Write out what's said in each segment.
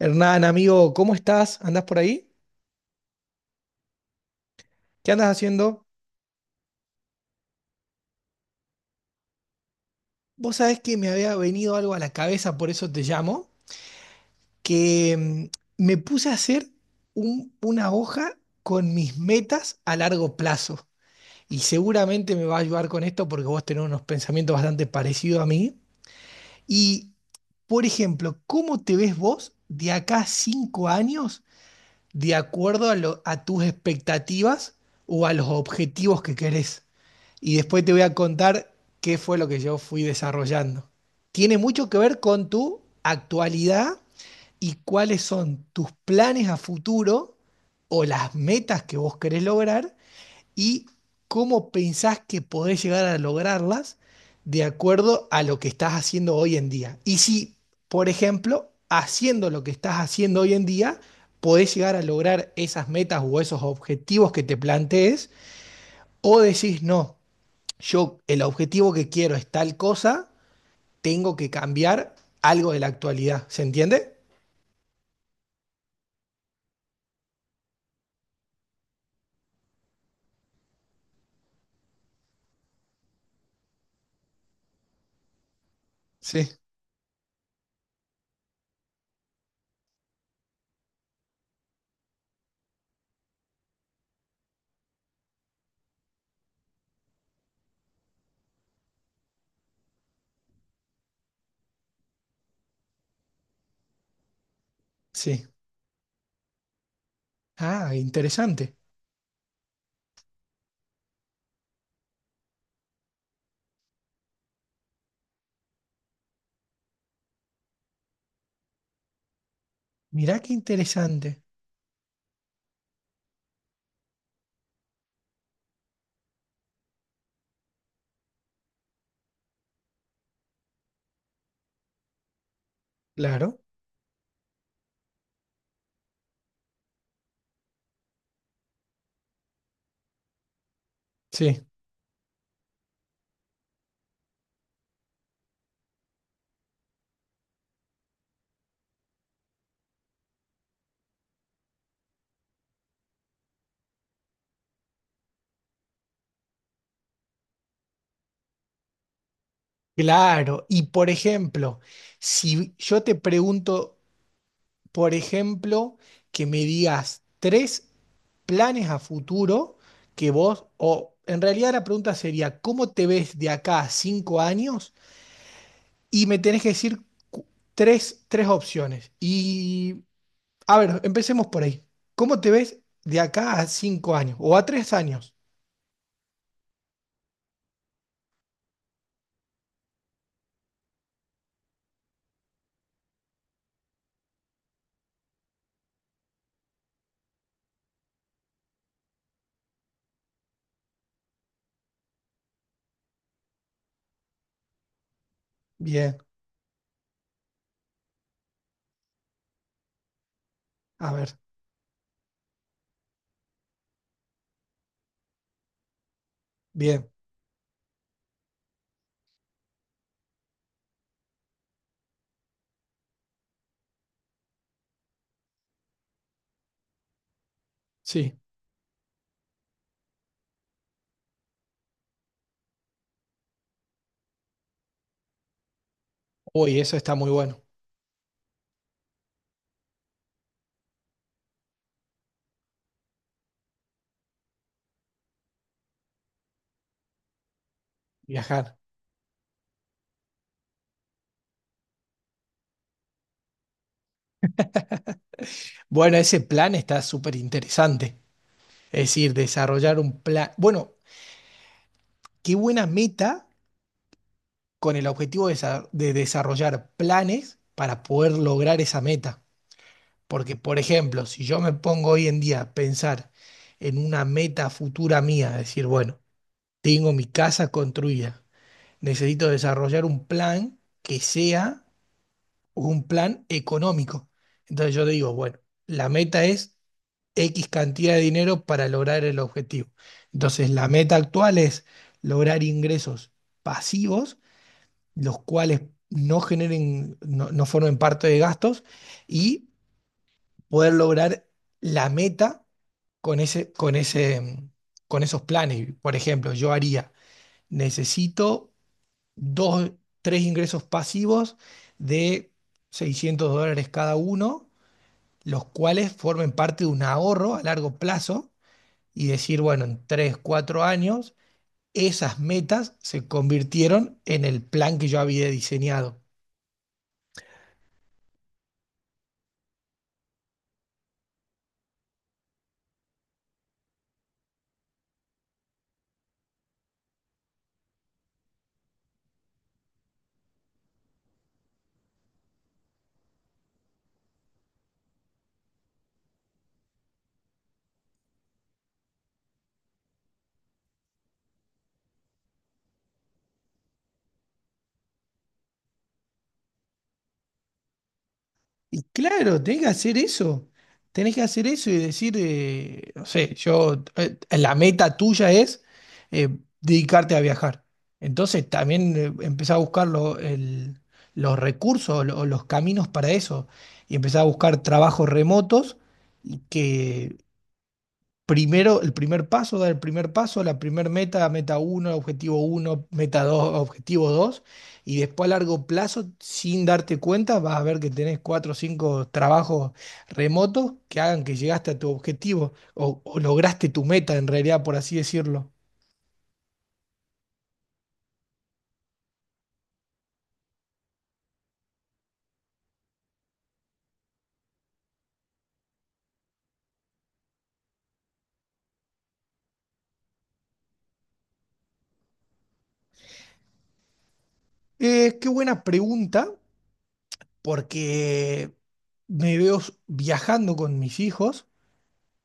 Hernán, amigo, ¿cómo estás? ¿Andás por ahí? ¿Qué andas haciendo? Vos sabés que me había venido algo a la cabeza, por eso te llamo, que me puse a hacer una hoja con mis metas a largo plazo. Y seguramente me va a ayudar con esto porque vos tenés unos pensamientos bastante parecidos a mí. Y, por ejemplo, ¿cómo te ves vos de acá a 5 años de acuerdo a, a tus expectativas o a los objetivos que querés? Y después te voy a contar qué fue lo que yo fui desarrollando. Tiene mucho que ver con tu actualidad y cuáles son tus planes a futuro o las metas que vos querés lograr y cómo pensás que podés llegar a lograrlas de acuerdo a lo que estás haciendo hoy en día. Y si, por ejemplo, haciendo lo que estás haciendo hoy en día, podés llegar a lograr esas metas o esos objetivos que te plantees, o decís, no, yo el objetivo que quiero es tal cosa, tengo que cambiar algo de la actualidad. ¿Se entiende? Sí. Sí. Ah, interesante. Mirá qué interesante. Claro. Sí. Claro. Y por ejemplo, si yo te pregunto, por ejemplo, que me digas tres planes a futuro que vos, o en realidad la pregunta sería, ¿cómo te ves de acá a cinco años? Y me tenés que decir cu- tres, opciones. Y a ver, empecemos por ahí. ¿Cómo te ves de acá a cinco años o a 3 años? Bien, a ver, bien, sí. Uy, eso está muy bueno, viajar. Bueno, ese plan está súper interesante. Es decir, desarrollar un plan. Bueno, qué buena meta con el objetivo de, de desarrollar planes para poder lograr esa meta. Porque, por ejemplo, si yo me pongo hoy en día a pensar en una meta futura mía, decir, bueno, tengo mi casa construida, necesito desarrollar un plan que sea un plan económico. Entonces yo digo, bueno, la meta es X cantidad de dinero para lograr el objetivo. Entonces la meta actual es lograr ingresos pasivos, los cuales no generen, no, no formen parte de gastos y poder lograr la meta con esos planes. Por ejemplo, yo haría, necesito dos, tres ingresos pasivos de US$600 cada uno, los cuales formen parte de un ahorro a largo plazo y decir, bueno, en 3, 4 años, esas metas se convirtieron en el plan que yo había diseñado. Y claro, tenés que hacer eso. Tenés que hacer eso y decir, no sé, yo, la meta tuya es eh, dedicarte a viajar. Entonces también empezá a buscar los recursos o los caminos para eso y empezá a buscar trabajos remotos y que primero, el primer paso, dar el primer paso, la primer meta, meta 1, objetivo uno, meta dos, objetivo 2 y después a largo plazo, sin darte cuenta, vas a ver que tenés cuatro o cinco trabajos remotos que hagan que llegaste a tu objetivo o lograste tu meta en realidad, por así decirlo. Qué buena pregunta, porque me veo viajando con mis hijos,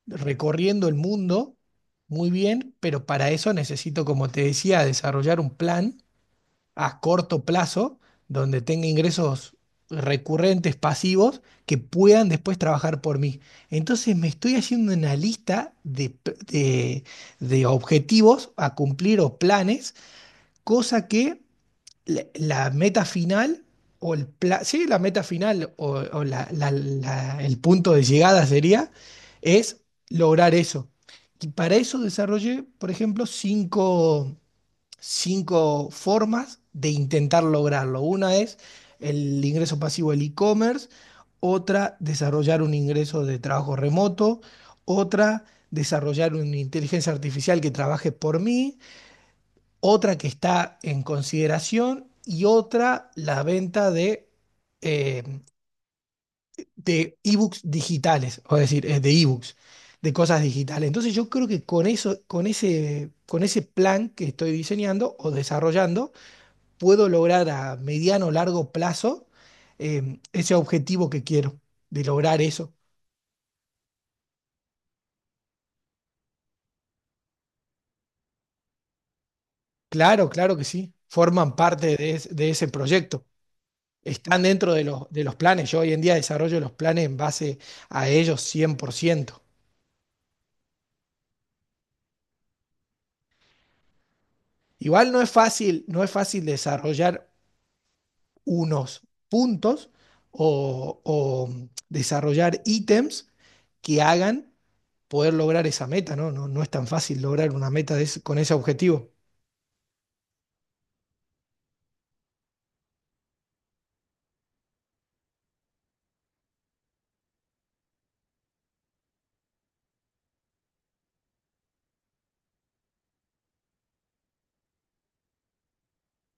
recorriendo el mundo. Muy bien, pero para eso necesito, como te decía, desarrollar un plan a corto plazo, donde tenga ingresos recurrentes, pasivos, que puedan después trabajar por mí. Entonces me estoy haciendo una lista de objetivos a cumplir o planes, cosa que la meta final o sí, la meta final o el punto de llegada sería, es lograr eso. Y para eso desarrollé, por ejemplo, cinco formas de intentar lograrlo. Una es el ingreso pasivo del e-commerce, otra desarrollar un ingreso de trabajo remoto, otra desarrollar una inteligencia artificial que trabaje por mí, otra que está en consideración y otra la venta eh, de ebooks digitales, o decir, de ebooks, de cosas digitales. Entonces yo creo que con eso, con ese plan que estoy diseñando o desarrollando, puedo lograr a mediano o largo plazo ese objetivo que quiero, de lograr eso. Claro, claro que sí, forman parte de ese proyecto, están dentro de los planes. Yo hoy en día desarrollo los planes en base a ellos 100%. Igual no es fácil, no es fácil desarrollar unos puntos o desarrollar ítems que hagan poder lograr esa meta, ¿no? No, no es tan fácil lograr una meta de con ese objetivo.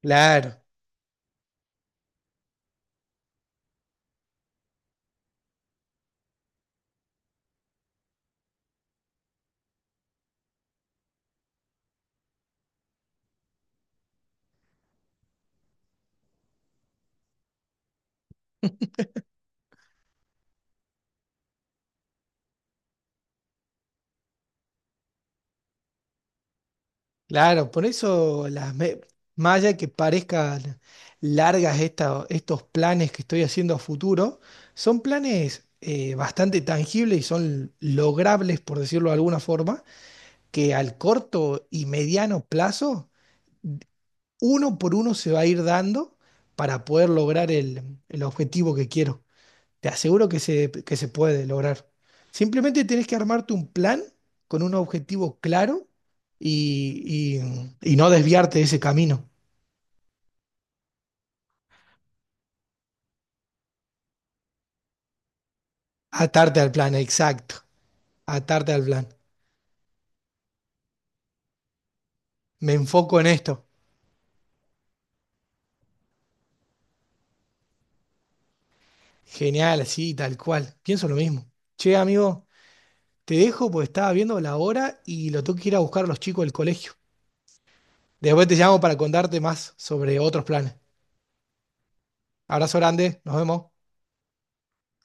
Claro, claro, por eso más allá de que parezcan largas estos planes que estoy haciendo a futuro, son planes bastante tangibles y son logrables, por decirlo de alguna forma, que al corto y mediano plazo, uno por uno se va a ir dando para poder lograr el objetivo que quiero. Te aseguro que se puede lograr. Simplemente tenés que armarte un plan con un objetivo claro y, y no desviarte de ese camino. Atarte al plan, exacto. Atarte al plan. Me enfoco en esto. Genial, así, tal cual. Pienso lo mismo. Che, amigo, te dejo porque estaba viendo la hora y lo tengo que ir a buscar a los chicos del colegio. Después te llamo para contarte más sobre otros planes. Abrazo grande, nos vemos.